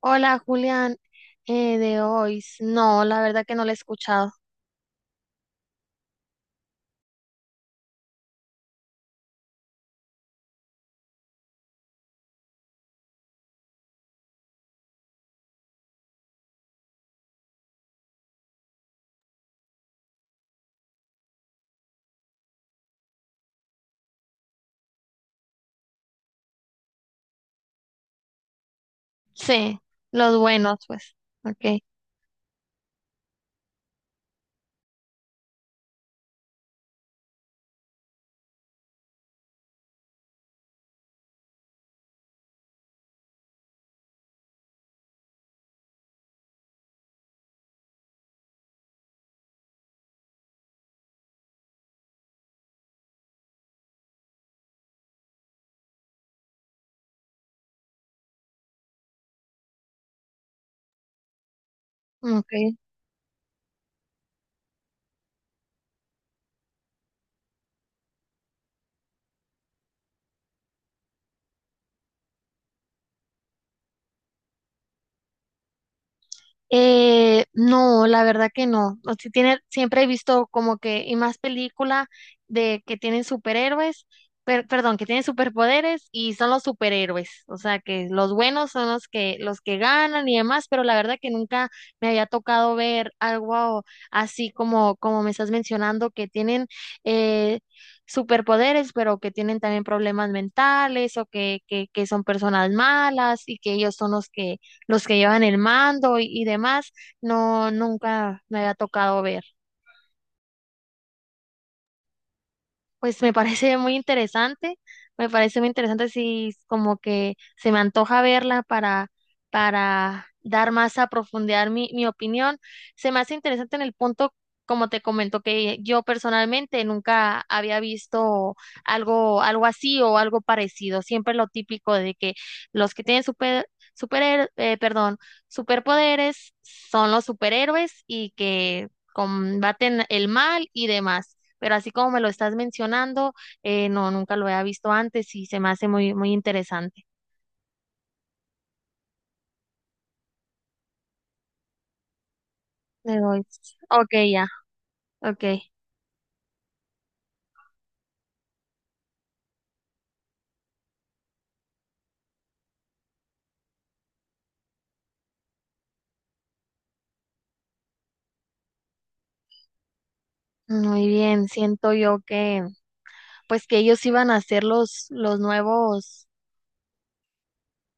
Hola, Julián, de hoy. No, la verdad que no lo he escuchado. Sí, los buenos, pues. Ok, ok. No, la verdad que no. O sea, tiene, siempre he visto como que, y más película de que tienen superhéroes, perdón, que tienen superpoderes y son los superhéroes. O sea, que los buenos son los que ganan y demás, pero la verdad que nunca me había tocado ver algo así como, como me estás mencionando, que tienen eh, superpoderes, pero que tienen también problemas mentales o que son personas malas y que ellos son los que llevan el mando y demás, no, nunca me había tocado ver. Pues me parece muy interesante, me parece muy interesante si como que se me antoja verla para dar más a profundidad mi, mi opinión. Se me hace interesante en el punto, como te comento, que yo personalmente nunca había visto algo, algo así o algo parecido. Siempre lo típico de que los que tienen perdón, superpoderes son los superhéroes y que combaten el mal y demás pero así como me lo estás mencionando, no, nunca lo había visto antes y se me hace muy, muy interesante. Le doy- Ok, ya, ok. Muy bien, siento yo que, pues que ellos iban a ser los nuevos.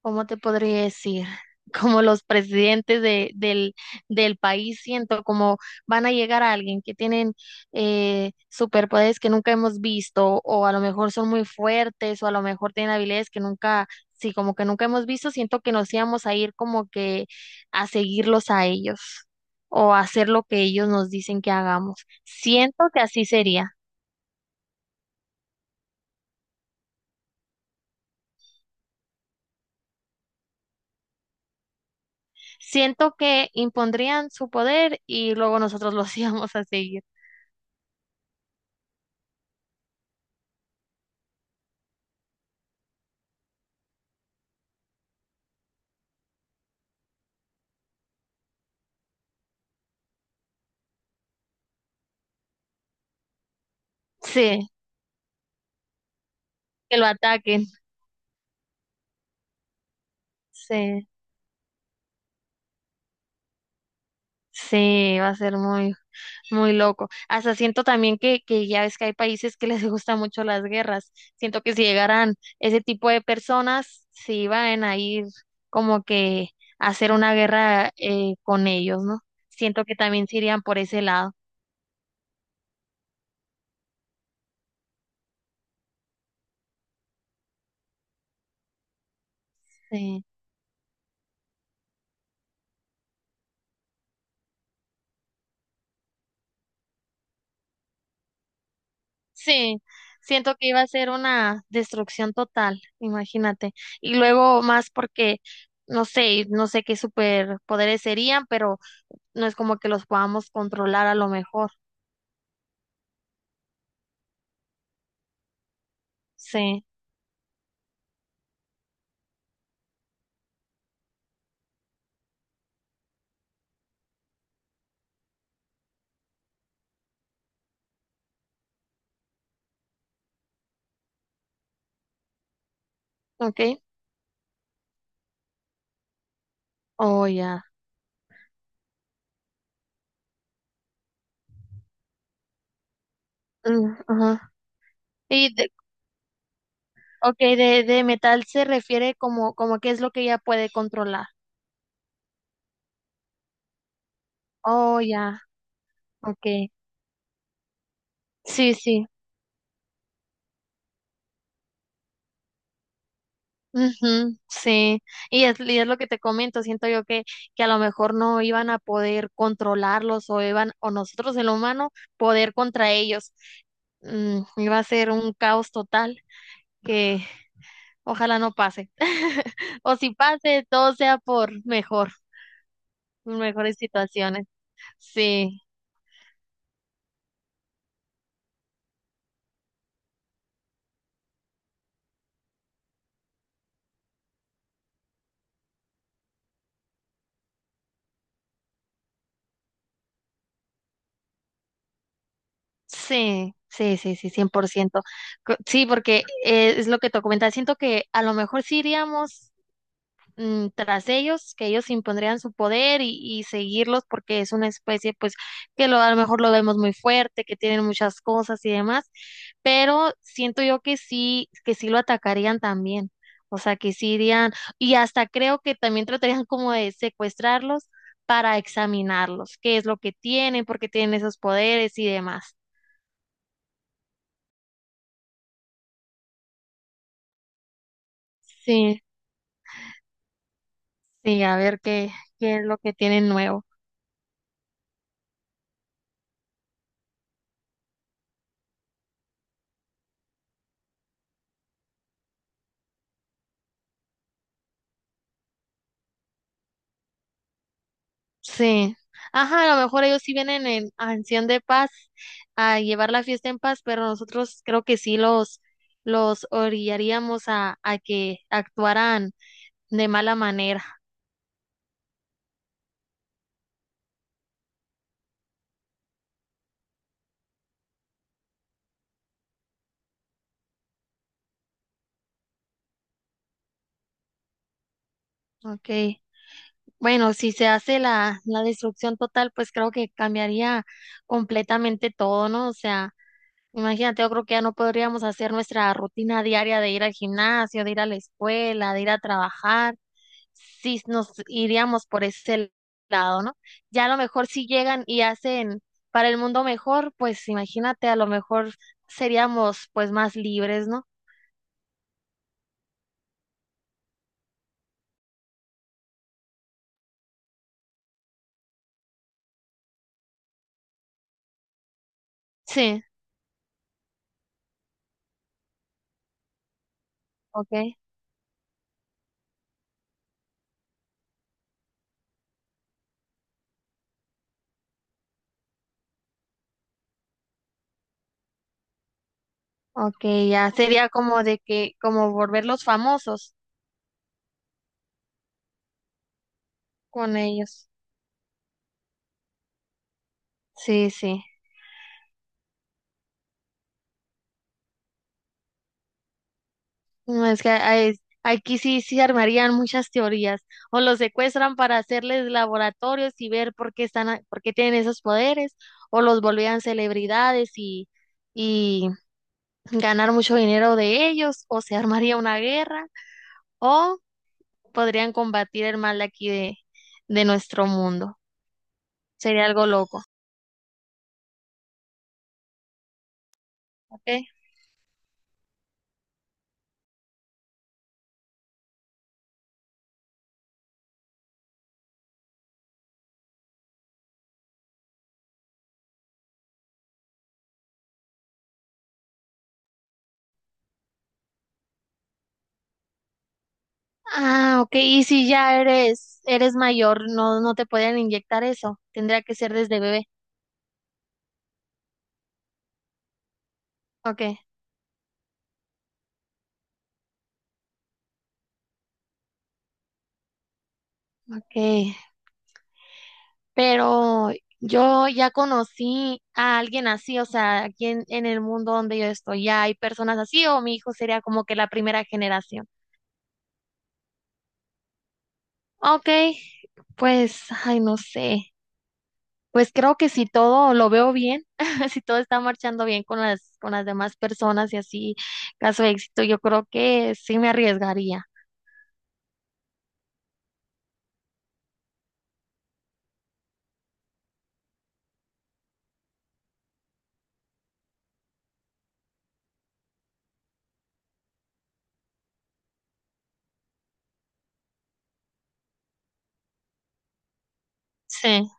¿Cómo te podría decir? Como los presidentes del, del país, siento como van a llegar a alguien que tienen superpoderes que nunca hemos visto, o a lo mejor son muy fuertes, o a lo mejor tienen habilidades que nunca, sí, como que nunca hemos visto, siento que nos íbamos a ir como que a seguirlos a ellos, o a hacer lo que ellos nos dicen que hagamos. Siento que así sería. Siento que impondrían su poder y luego nosotros los íbamos a seguir. Sí, que lo ataquen. Sí, sí, va a ser muy, muy loco. Hasta siento también que ya ves que hay países que les gustan mucho las guerras. Siento que si llegaran ese tipo de personas, se iban a ir como que a hacer una guerra con ellos, ¿no? Siento que también se irían por ese lado. Sí, sí. Siento que iba a ser una destrucción total, imagínate. Y luego más porque no sé, no sé qué superpoderes serían, pero no es como que los podamos controlar a lo mejor. Sí, ok. Oh, ya. Mm, ajá. Y de, ok, de metal se refiere como, como qué es lo que ella puede controlar. Oh, ya. Ok. Sí, sí. Ujú, sí. Y es lo que te comento. Siento yo que a lo mejor no iban a poder controlarlos o iban, o nosotros el humano, poder contra ellos. Mm, iba a ser un caos total que ojalá no pase. O si pase, todo sea por mejor, mejores situaciones. Sí, sí, 100%. Sí, porque es lo que te comentaba. Siento que a lo mejor sí iríamos, mm, tras ellos, que ellos impondrían su poder y seguirlos porque es una especie pues que lo, a lo mejor lo vemos muy fuerte, que tienen muchas cosas y demás, pero siento yo que sí lo atacarían también, o sea, que sí irían y hasta creo que también tratarían como de secuestrarlos para examinarlos, qué es lo que tienen, por qué tienen esos poderes y demás. Sí, sí, a ver qué, qué es lo que tienen nuevo. Sí. Ajá, a lo mejor ellos sí vienen en acción de paz a llevar la fiesta en paz, pero nosotros creo que sí los orillaríamos a que actuaran de mala manera. Okay. Bueno, si se hace la destrucción total, pues creo que cambiaría completamente todo, ¿no? O sea, imagínate, yo creo que ya no podríamos hacer nuestra rutina diaria de ir al gimnasio, de ir a la escuela, de ir a trabajar. Si nos iríamos por ese lado, ¿no? Ya a lo mejor si llegan y hacen para el mundo mejor, pues imagínate, a lo mejor seríamos pues más libres, ¿no? Sí, ok, ok, ya sería como de que, como volverlos famosos con ellos. Sí, sí. No, es que hay- aquí sí, sí armarían muchas teorías. O los secuestran para hacerles laboratorios y ver por qué están, por qué tienen esos poderes, o los volvían celebridades y ganar mucho dinero de ellos, o se armaría una guerra, o podrían combatir el mal de aquí de nuestro mundo. Sería algo loco, ¿ok? Ah, ok, y si ya eres, eres mayor, no, no te pueden inyectar eso, tendría que ser desde bebé. Ok, ok, pero yo ya conocí a alguien así, o sea, aquí en el mundo donde yo estoy, ya hay personas así, o mi hijo sería como que la primera generación. Ok, pues, ay, no sé. Pues creo que si todo lo veo bien, si todo está marchando bien con las demás personas y así, caso de éxito, yo creo que sí me arriesgaría. Sí,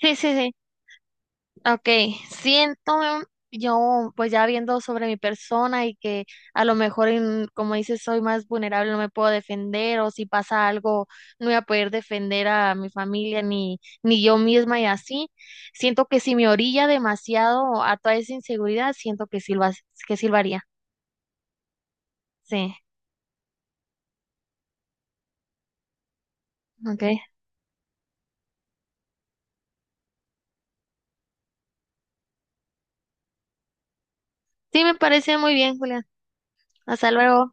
sí, Okay, siento yo, pues ya viendo sobre mi persona y que a lo mejor, en, como dices, soy más vulnerable, no me puedo defender o si pasa algo, no voy a poder defender a mi familia ni yo misma y así. Siento que si me orilla demasiado a toda esa inseguridad, siento que sí lo, que sí lo haría. Sí, ok. Sí, me parece muy bien, Julián. Hasta luego.